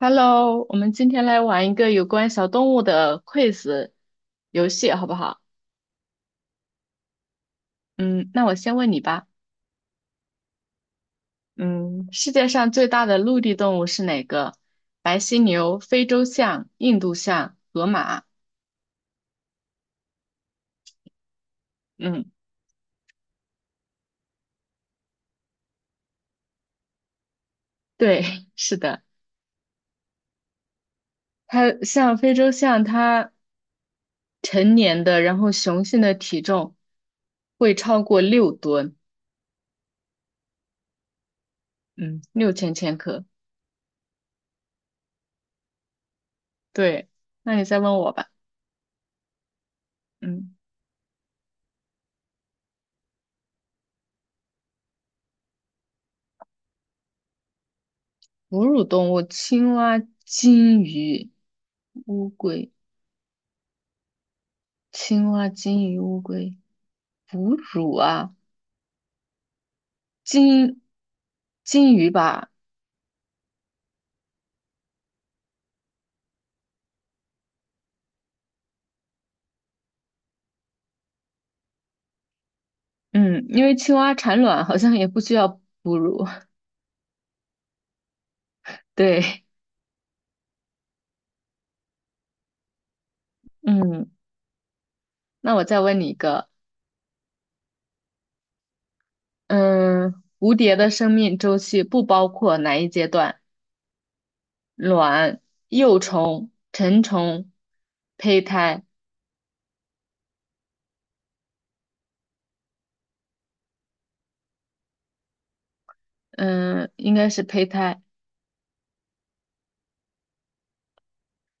Hello，我们今天来玩一个有关小动物的 quiz 游戏，好不好？嗯，那我先问你吧。嗯，世界上最大的陆地动物是哪个？白犀牛、非洲象、印度象、河马。嗯，对，是的。它像非洲象，它成年的，然后雄性的体重会超过6吨，嗯，6000千克。对，那你再问我吧。嗯，哺乳动物，青蛙、金鱼。乌龟，青蛙、金鱼、乌龟，哺乳啊，金金鱼吧，嗯，因为青蛙产卵好像也不需要哺乳，对，嗯，那我再问你一个，嗯，蝴蝶的生命周期不包括哪一阶段？卵、幼虫、成虫、胚胎，嗯，应该是胚胎。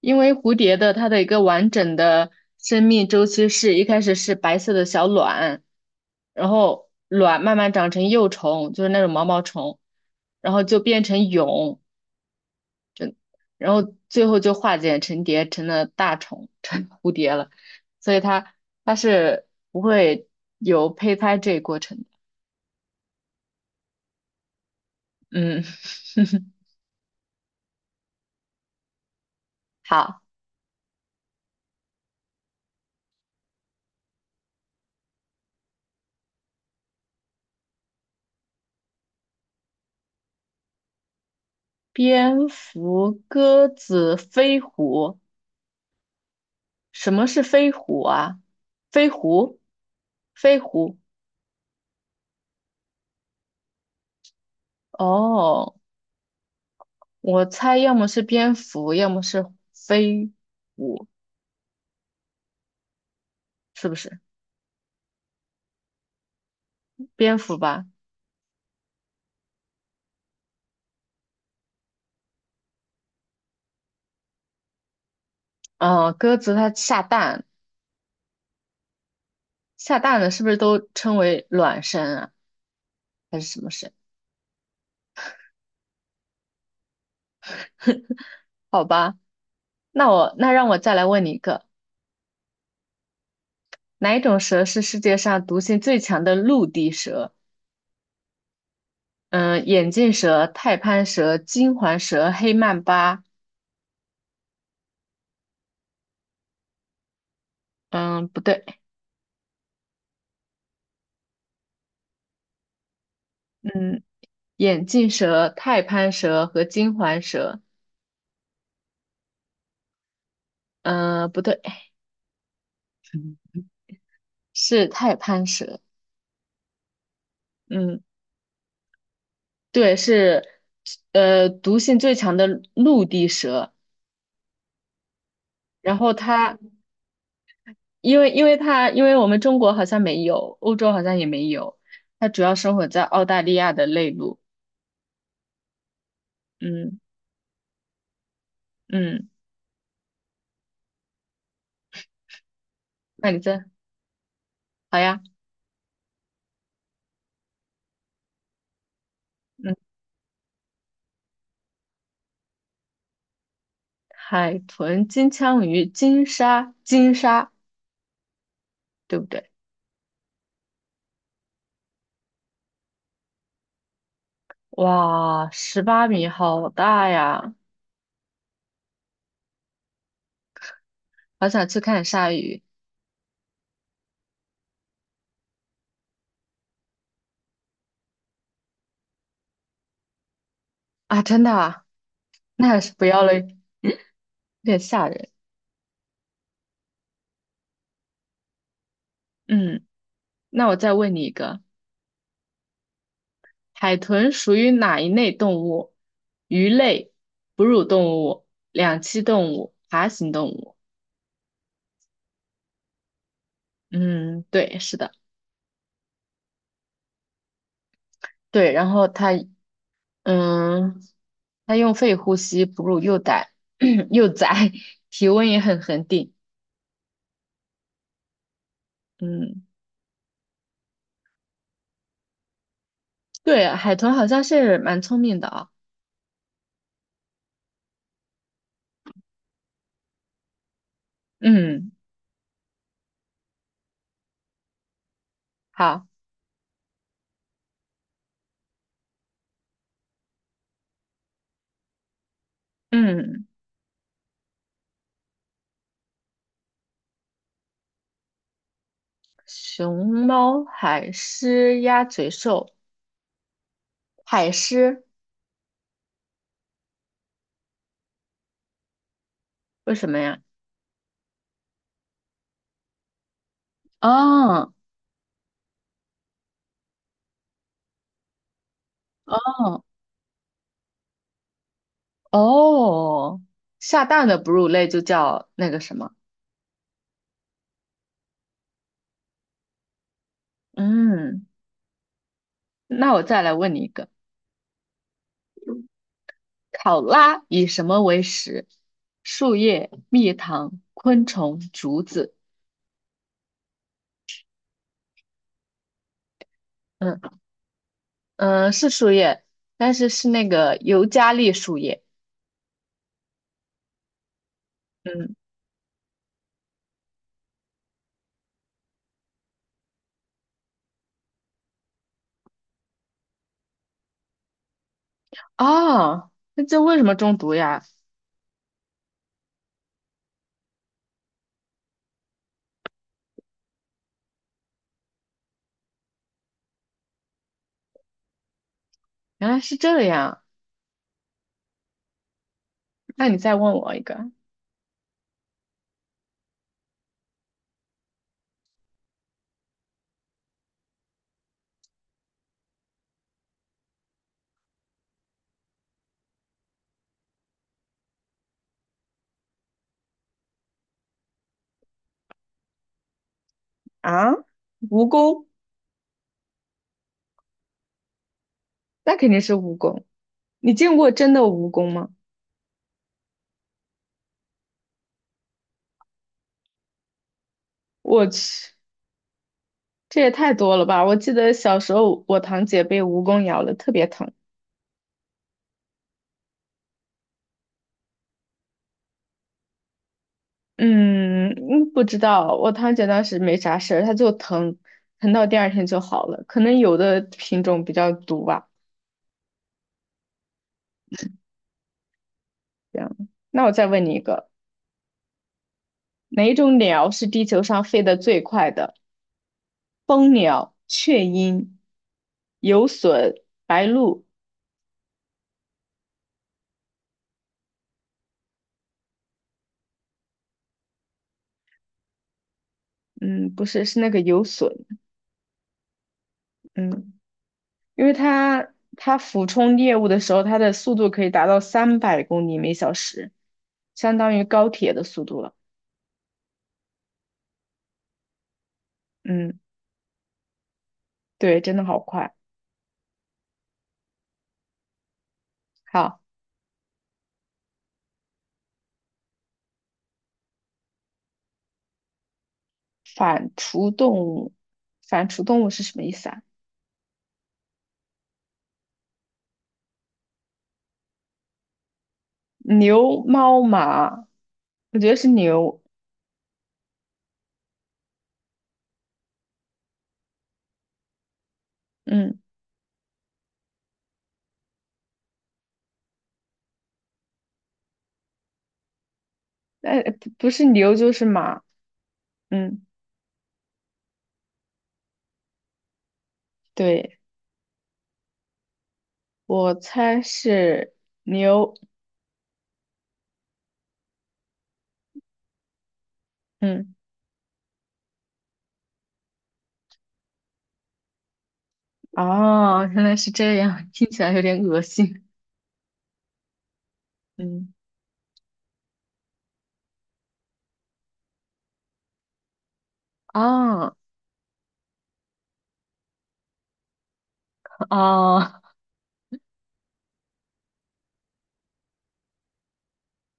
因为蝴蝶的它的一个完整的生命周期是一开始是白色的小卵，然后卵慢慢长成幼虫，就是那种毛毛虫，然后就变成蛹，然后最后就化茧成蝶，成了大虫，成蝴蝶了。所以它是不会有胚胎这一过程的。嗯，好，蝙蝠、鸽子、飞虎。什么是飞虎啊？飞狐，飞狐。哦，我猜要么是蝙蝠，要么是飞虎，是不是？蝙蝠吧。嗯、鸽子它下蛋，下蛋的是不是都称为卵生啊？还是什么生？好吧，那我让我再来问你一个，哪一种蛇是世界上毒性最强的陆地蛇？嗯，眼镜蛇、太攀蛇、金环蛇、黑曼巴。嗯，不对。嗯，眼镜蛇、太攀蛇和金环蛇。不对，是太攀蛇。嗯，对，是毒性最强的陆地蛇。然后它，因为它，因为我们中国好像没有，欧洲好像也没有，它主要生活在澳大利亚的内陆。嗯嗯，那你这好呀。嗯，海豚、金枪鱼、金鲨，对不对？哇，18米，好大呀！好想去看鲨鱼。啊，真的啊，那还是不要了，有点吓人。嗯，那我再问你一个，海豚属于哪一类动物？鱼类、哺乳动物、两栖动物、爬行动物。嗯，对，是的，对。然后嗯，它用肺呼吸，哺乳幼崽，幼崽，体温也很恒定。嗯，对，海豚好像是蛮聪明的啊。嗯，好，嗯，熊猫、海狮、鸭嘴兽。海狮，为什么呀？哦哦，哦，下蛋的哺乳类就叫那个什么？嗯，那我再来问你一个，考拉以什么为食？树叶、蜜糖、昆虫、竹子。嗯嗯，是树叶，但是是那个尤加利树叶。嗯，哦，那这为什么中毒呀？原来是这样。那你再问我一个啊？蜈蚣，那肯定是蜈蚣。你见过真的蜈蚣吗？我去，这也太多了吧！我记得小时候我堂姐被蜈蚣咬了，特别疼。嗯，嗯不知道，我堂姐当时没啥事儿，她就疼，疼到第二天就好了。可能有的品种比较毒吧。这样，那我再问你一个，哪一种鸟是地球上飞得最快的？蜂鸟、雀鹰、游隼、白鹭？嗯，不是，是那个游隼。嗯。因为它俯冲猎物的时候，它的速度可以达到300公里每小时，相当于高铁的速度了。嗯，对，真的好快。好，反刍动物，反刍动物是什么意思啊？牛、猫、马，我觉得是牛。嗯，哎，不是牛就是马。嗯，对，我猜是牛。嗯，哦，原来是这样，听起来有点恶心。嗯，啊啊。哦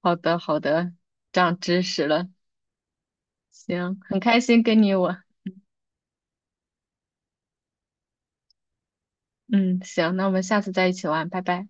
好的，好的，长知识了。行，很开心跟你我，嗯，行，那我们下次再一起玩，拜拜。